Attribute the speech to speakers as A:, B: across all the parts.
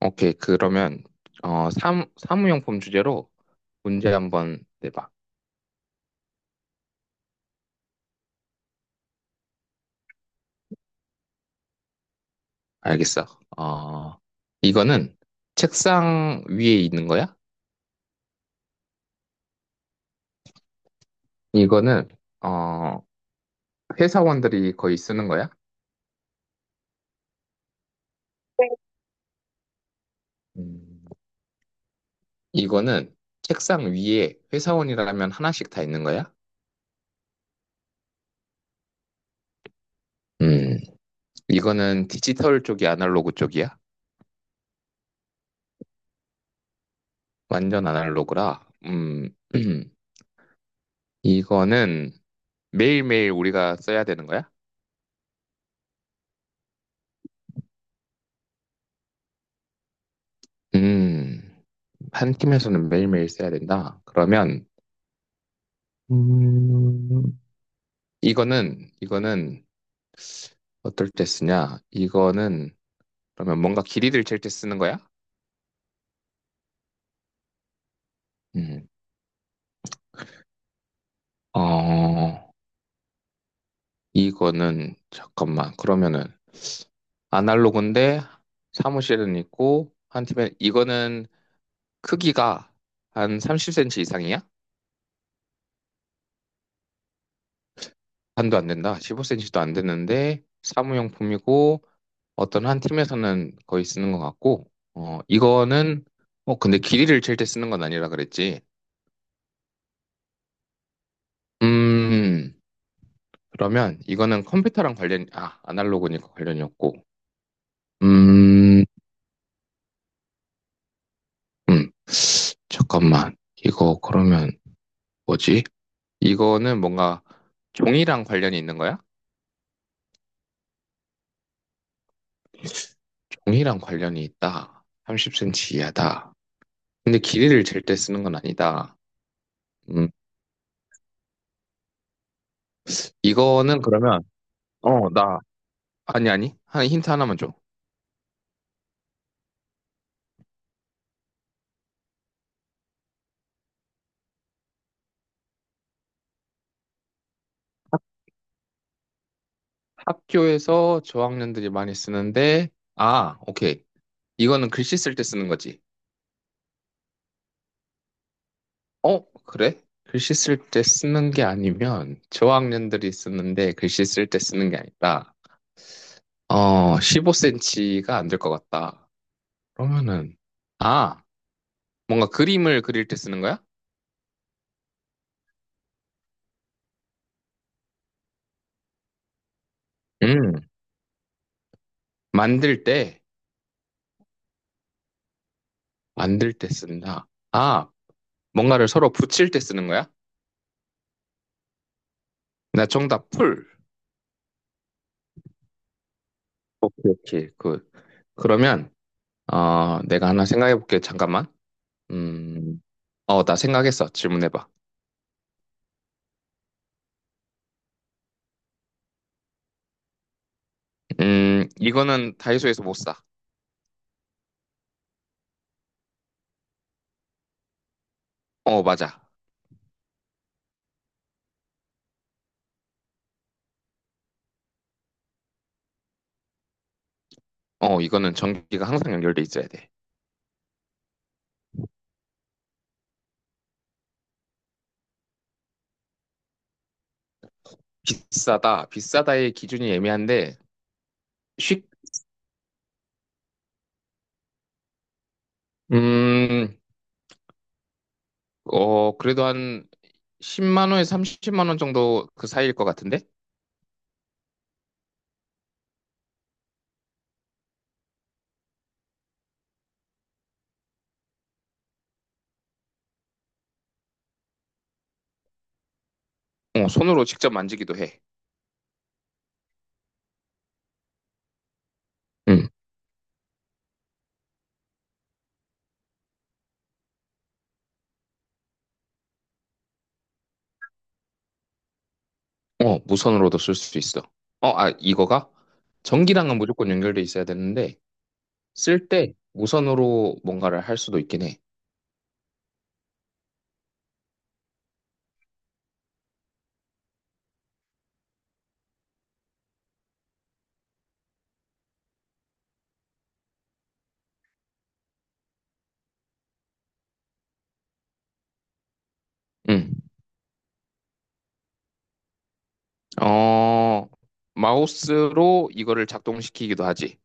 A: 오케이. 그러면 사무용품 주제로 문제 한번 내봐. 알겠어. 어, 이거는 책상 위에 있는 거야? 이거는 어, 회사원들이 거의 쓰는 거야? 음, 이거는 책상 위에 회사원이라면 하나씩 다 있는 거야? 음, 이거는 디지털 쪽이 아날로그 쪽이야? 완전 아날로그라. 이거는 매일매일 우리가 써야 되는 거야? 음. 한 팀에서는 매일매일 써야 된다. 그러면 음, 이거는 어떨 때 쓰냐? 이거는 그러면 뭔가 길이를 잴 때 쓰는 거야? 음. 어, 이거는 잠깐만. 그러면은 아날로그인데 사무실은 있고 한 팀에 이거는 크기가 한 30cm 이상이야? 반도 안 된다. 15cm도 안 되는데 사무용품이고 어떤 한 팀에서는 거의 쓰는 것 같고, 근데 길이를 잴 때 쓰는 건 아니라 그랬지. 음, 그러면 이거는 컴퓨터랑 관련, 아, 아날로그니까 관련이 없고. 음, 음, 잠깐만. 이거 그러면 뭐지? 이거는 뭔가 종이랑 관련이 있는 거야? 종이랑 관련이 있다. 30cm 이하다. 근데 길이를 잴 때 쓰는 건 아니다. 음, 이거는 그러면, 어, 나, 아니, 아니. 한 힌트 하나만 줘. 학교에서 저학년들이 많이 쓰는데, 아, 오케이. 이거는 글씨 쓸 때 쓰는 거지. 어, 그래? 글씨 쓸 때 쓰는 게 아니면, 저학년들이 쓰는데 글씨 쓸 때 쓰는 게 아니라, 15cm가 안 될 것 같다. 그러면은, 아, 뭔가 그림을 그릴 때 쓰는 거야? 음, 만들 때, 만들 때 쓴다. 아, 뭔가를 서로 붙일 때 쓰는 거야? 나 정답 풀. 오케이, 오케이. 그러면, 내가 하나 생각해 볼게. 잠깐만. 음, 어, 나 생각했어. 질문해봐. 이거는 다이소에서 못 사. 어, 맞아. 어, 이거는 전기가 항상 연결돼 있어야 돼. 비싸다. 비싸다의 기준이 애매한데, 쉽, 음, 그래도 한 10만 원에서 30만 원 정도 그 사이일 것 같은데? 어, 손으로 직접 만지기도 해. 음, 어, 무선으로도 쓸 수 있어. 어, 아, 이거가? 전기랑은 무조건 연결돼 있어야 되는데, 쓸 때 무선으로 뭔가를 할 수도 있긴 해. 음. 어, 마우스로 이거를 작동시키기도 하지.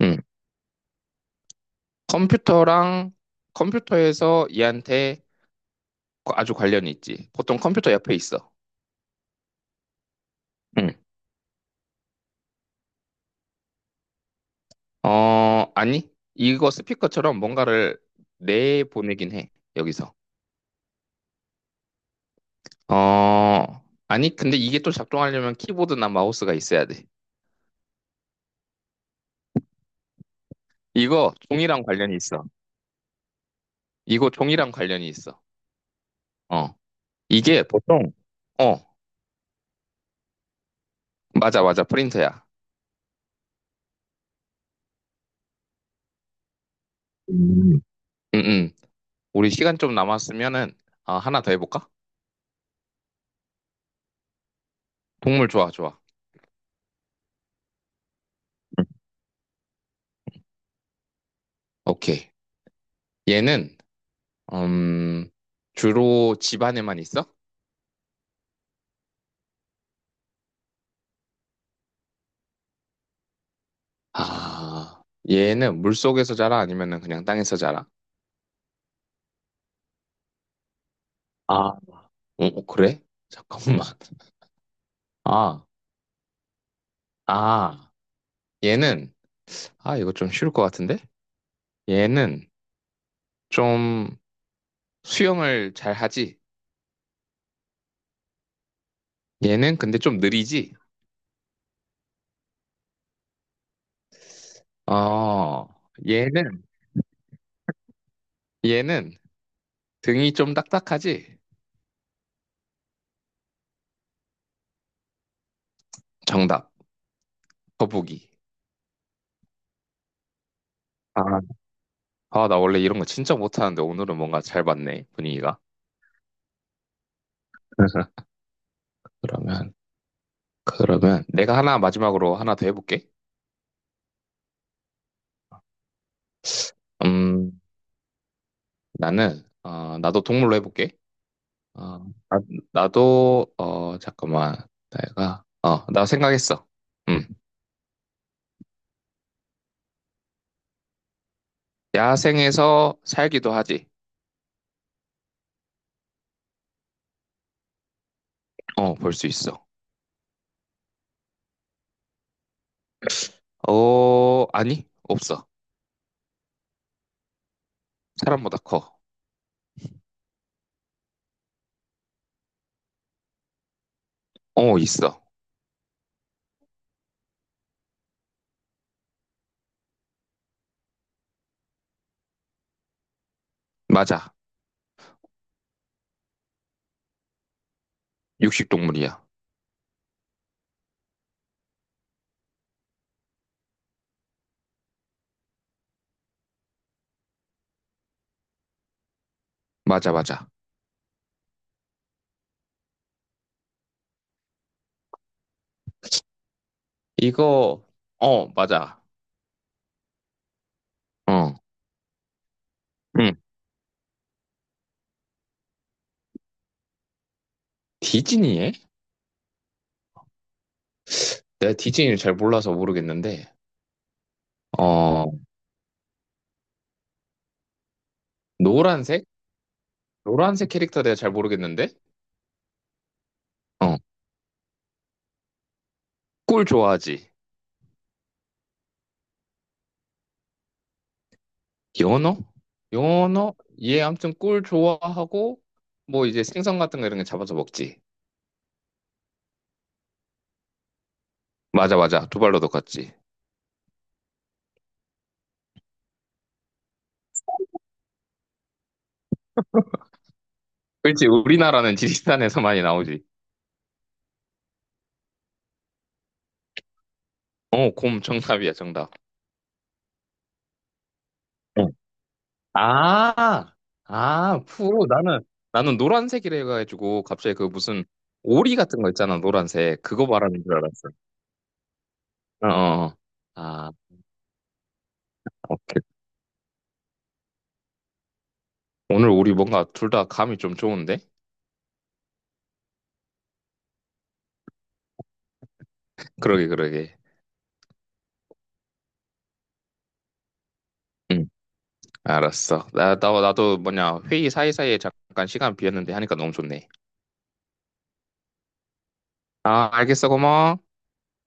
A: 응. 컴퓨터랑 컴퓨터에서 얘한테 아주 관련이 있지. 보통 컴퓨터 옆에 있어. 응. 어, 아니. 이거 스피커처럼 뭔가를 내보내긴 해. 여기서. 어, 아니. 근데 이게 또 작동하려면 키보드나 마우스가 있어야 돼. 이거 종이랑 관련이 있어. 이거 종이랑 관련이 있어. 어. 이게 보통, 어, 맞아, 맞아. 프린터야. 음. 응, 응. 우리 시간 좀 남았으면은 아, 하나 더 해볼까? 동물 좋아, 좋아. 응. 오케이. 얘는 음, 주로 집 안에만 있어? 아, 얘는 물속에서 자라 아니면은 그냥 땅에서 자라? 아, 오 어, 그래? 잠깐만. 아, 아, 얘는 아, 이거 좀 쉬울 것 같은데? 얘는 좀 수영을 잘 하지? 얘는 근데 좀 느리지? 어, 얘는 얘는 등이 좀 딱딱하지? 정답. 거북이. 아. 아, 나 원래 이런 거 진짜 못하는데 오늘은 뭔가 잘 맞네, 분위기가. 그러면, 그러면 내가 하나 마지막으로 하나 더 해볼게. 음, 나는, 나도 동물로 해볼게. 어, 아, 나도, 잠깐만. 내가, 어, 나 생각했어. 음, 야생에서 살기도 하지. 어, 볼 수 있어. 어, 아니, 없어. 사람보다 커. 어, 있어. 맞아. 육식동물이야. 맞아, 맞아. 이거, 어, 맞아. 어. 응. 디즈니에? 내가 디즈니를 잘 몰라서 모르겠는데, 어, 노란색? 노란색 캐릭터 내가 잘 모르겠는데, 어, 꿀 좋아하지. 연어? 연어? 얘 아무튼 꿀 좋아하고, 뭐 이제 생선 같은 거 이런 게 잡아서 먹지. 맞아, 맞아. 두 발로도 같지. 그렇지. 우리나라는 지리산에서 많이 나오지. 어, 곰 정답이야, 정답. 어. 아, 아, 푸 나는, 나는 노란색이라 해가지고, 갑자기 그 무슨 오리 같은 거 있잖아, 노란색. 그거 말하는 줄 알았어. 어, 어. 어. 아, 오케이. 오늘 우리 뭔가 둘 다 감이 좀 좋은데? 그러게, 그러게. 응, 알았어. 나도 뭐냐, 회의 사이사이에 잠깐 시간 비었는데 하니까 너무 좋네. 아, 알겠어, 고마워.